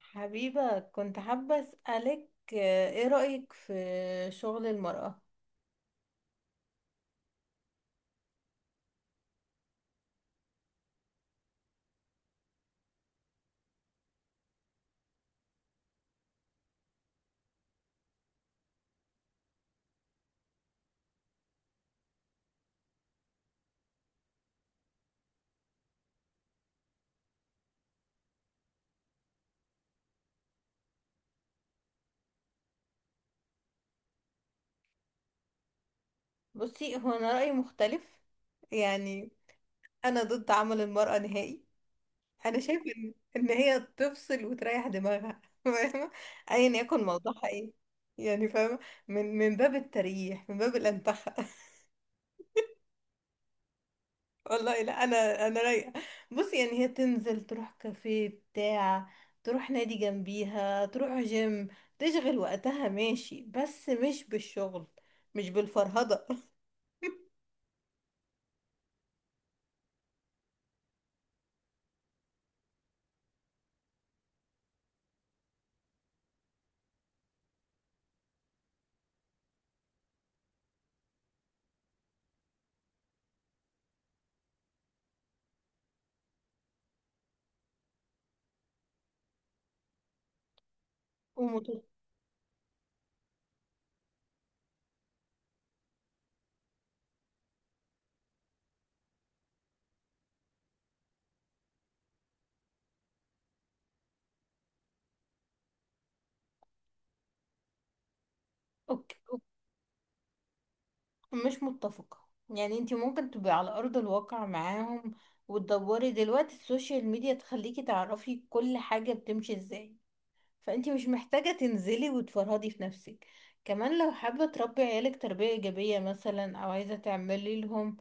حبيبة، كنت حابة أسألك ايه رأيك في شغل المرأة؟ بصي، هو أنا رأيي مختلف. يعني أنا ضد عمل المرأة نهائي. أنا شايفة إن هي تفصل وتريح دماغها فاهمة؟ أيا يكن موضوعها ايه. يعني فاهمة. من باب التريح، من باب الأنتخة. والله لا، انا رايقه. بصي، يعني هي تنزل، تروح كافيه بتاع، تروح نادي جنبيها، تروح جيم، تشغل وقتها. ماشي، بس مش بالشغل، مش بالفرهده ومت... أوكي. أوكي. مش متفقة. يعني انتي ممكن تبقي على أرض الواقع معاهم، وتدوري دلوقتي السوشيال ميديا تخليكي تعرفي كل حاجة بتمشي ازاي. فانتي مش محتاجة تنزلي وتفرهدي في نفسك. كمان لو حابة تربي عيالك تربية ايجابية مثلا، او عايزة تعملي لهم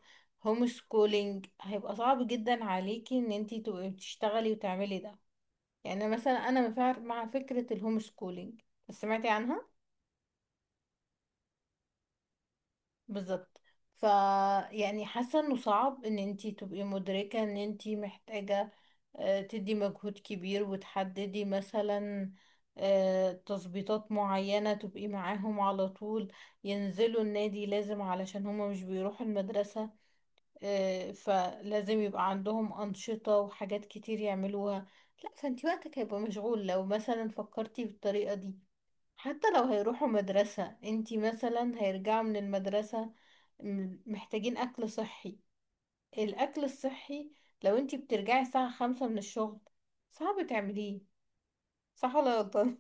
هوم سكولينج، هيبقى صعب جدا عليكي ان انتي تبقي بتشتغلي وتعملي ده. يعني مثلا انا مع فكرة الهوم سكولينج. سمعتي عنها؟ بالظبط. ف يعني حاسه انه صعب ان انتي تبقي مدركه ان انتي محتاجه تدي مجهود كبير، وتحددي مثلا تظبيطات معينه، تبقي معاهم على طول. ينزلوا النادي لازم، علشان هما مش بيروحوا المدرسه. فلازم يبقى عندهم انشطه وحاجات كتير يعملوها. لا، فانتي وقتك هيبقى مشغول لو مثلا فكرتي بالطريقه دي. حتى لو هيروحوا مدرسة، انتي مثلا هيرجعوا من المدرسة محتاجين أكل صحي. الأكل الصحي، لو انتي بترجعي الساعة 5 من الشغل، صعب تعمليه. صح ولا غلطان؟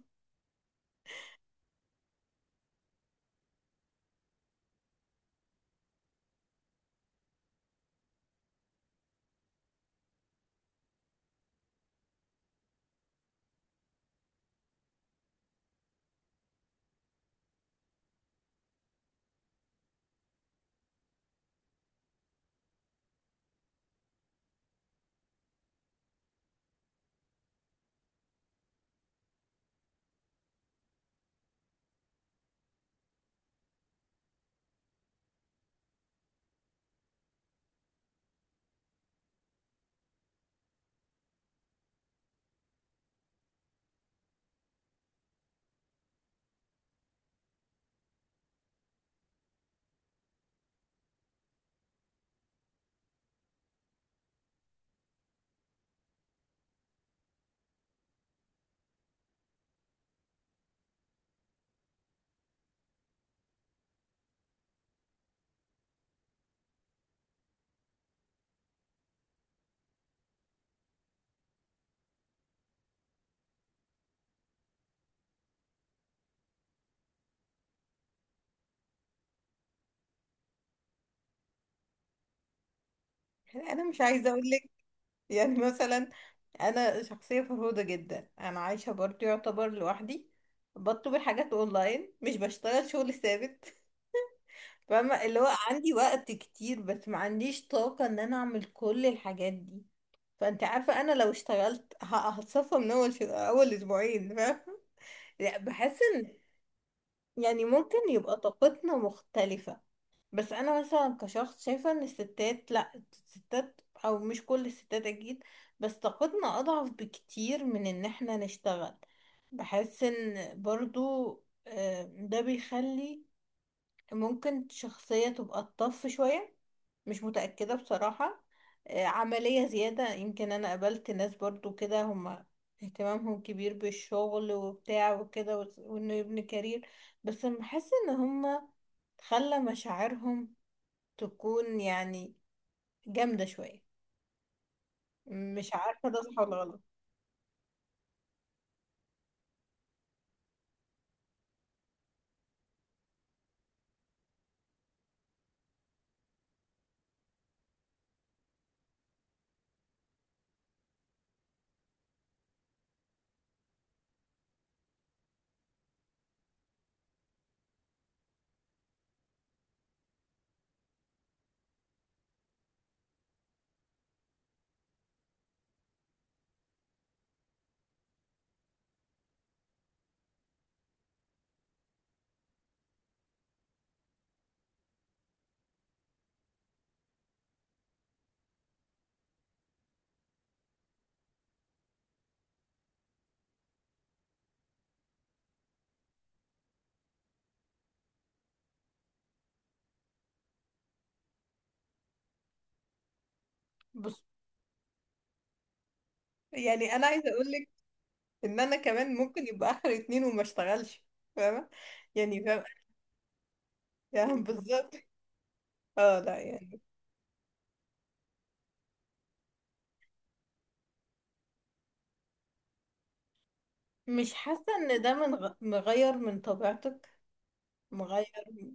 أنا مش عايزة أقولك. يعني مثلا أنا شخصية فرهودة جدا، أنا عايشة برضه يعتبر لوحدي، بطلب الحاجات أونلاين، مش بشتغل شغل ثابت. فاهمة اللي هو عندي وقت كتير، بس ما عنديش طاقة ان انا اعمل كل الحاجات دي. فانت عارفة، انا لو اشتغلت هتصفى من اول اول اسبوعين. فاهمة لا، بحس ان، يعني ممكن يبقى طاقتنا مختلفة. بس انا مثلا كشخص شايفة ان الستات، لا الستات، او مش كل الستات اكيد، بس طاقتنا اضعف بكتير من ان احنا نشتغل. بحس ان برضو ده بيخلي ممكن شخصية تبقى الطف شوية. مش متأكدة بصراحة. عملية زيادة يمكن. أنا قابلت ناس برضو كده هما اهتمامهم كبير بالشغل وبتاع وكده، وإنه يبني كارير. بس بحس إن هما خلى مشاعرهم تكون يعني جامدة شوية. مش عارفة ده صح ولا غلط. بص، يعني أنا عايزة أقولك إن أنا كمان ممكن يبقى آخر 2 وما اشتغلش. فاهمة. يعني فاهمة. يعني بالظبط. اه، لا. مش حاسة ان ده من مغير من طبيعتك. مغير من-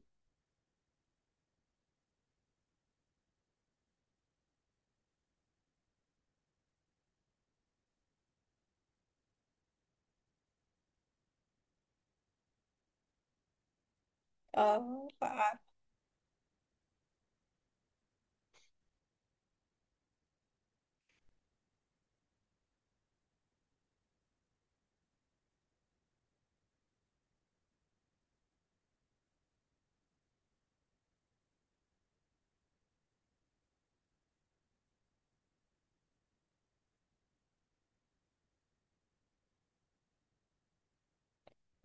اه، لا، عارف.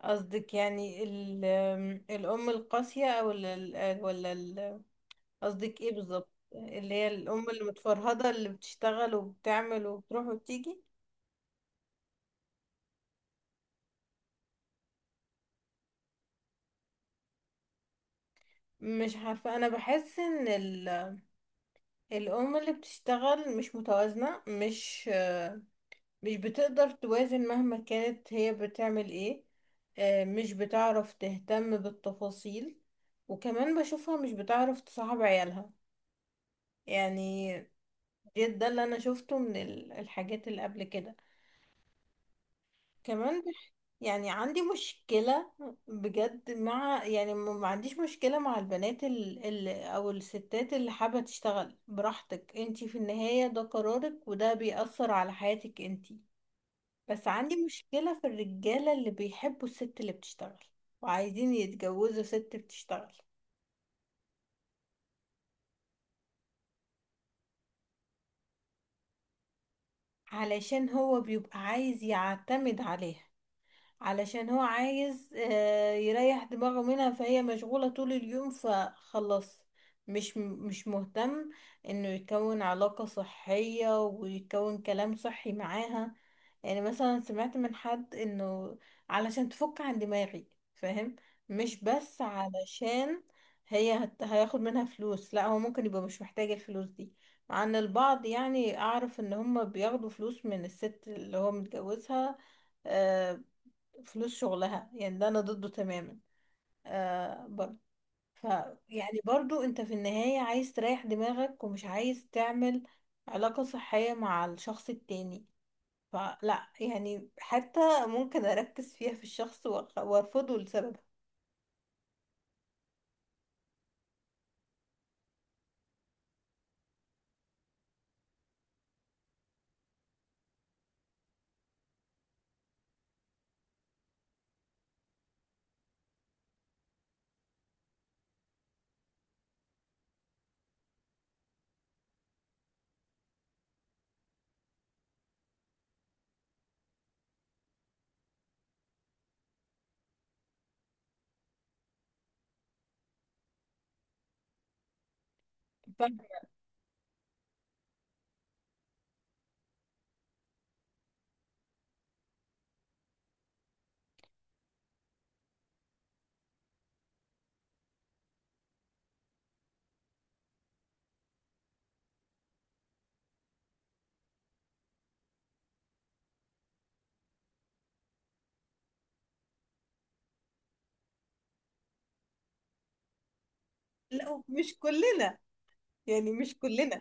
قصدك يعني الأم القاسية، أو ال- ولا ال- قصدك ايه بالظبط؟ اللي هي الأم اللي متفرهدة، اللي بتشتغل وبتعمل وبتروح وبتيجي؟ مش عارفة. أنا بحس ان الأم اللي بتشتغل مش متوازنة، مش بتقدر توازن مهما كانت هي بتعمل ايه. مش بتعرف تهتم بالتفاصيل، وكمان بشوفها مش بتعرف تصاحب عيالها. يعني ده اللي انا شفته من الحاجات اللي قبل كده. كمان يعني عندي مشكلة بجد، مع، يعني ما عنديش مشكلة مع البنات ال او الستات اللي حابة تشتغل. براحتك، انتي في النهاية ده قرارك، وده بيأثر على حياتك انتي. بس عندي مشكلة في الرجالة اللي بيحبوا الست اللي بتشتغل وعايزين يتجوزوا ست بتشتغل. علشان هو بيبقى عايز يعتمد عليها، علشان هو عايز يريح دماغه منها، فهي مشغولة طول اليوم فخلاص. مش مهتم انه يكون علاقة صحية ويكون كلام صحي معاها. يعني مثلا سمعت من حد انه علشان تفك عن دماغي. فاهم؟ مش بس علشان هياخد منها فلوس، لا. هو ممكن يبقى مش محتاج الفلوس دي، مع ان البعض، يعني، اعرف ان هم بياخدوا فلوس من الست اللي هو متجوزها، آه، فلوس شغلها. يعني ده انا ضده تماما. برضه. ف يعني برضه انت في النهاية عايز تريح دماغك، ومش عايز تعمل علاقة صحية مع الشخص التاني. فلا، يعني حتى ممكن اركز فيها في الشخص وارفضه لسبب. ف... لا، مش كلنا. يعني مش كلنا.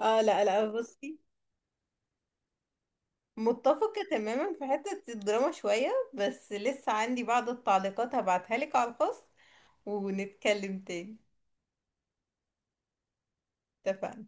اه، لا لا. بصي، متفقة تماما في حتة الدراما شوية، بس لسه عندي بعض التعليقات هبعتها لك على الخاص ونتكلم تاني. اتفقنا.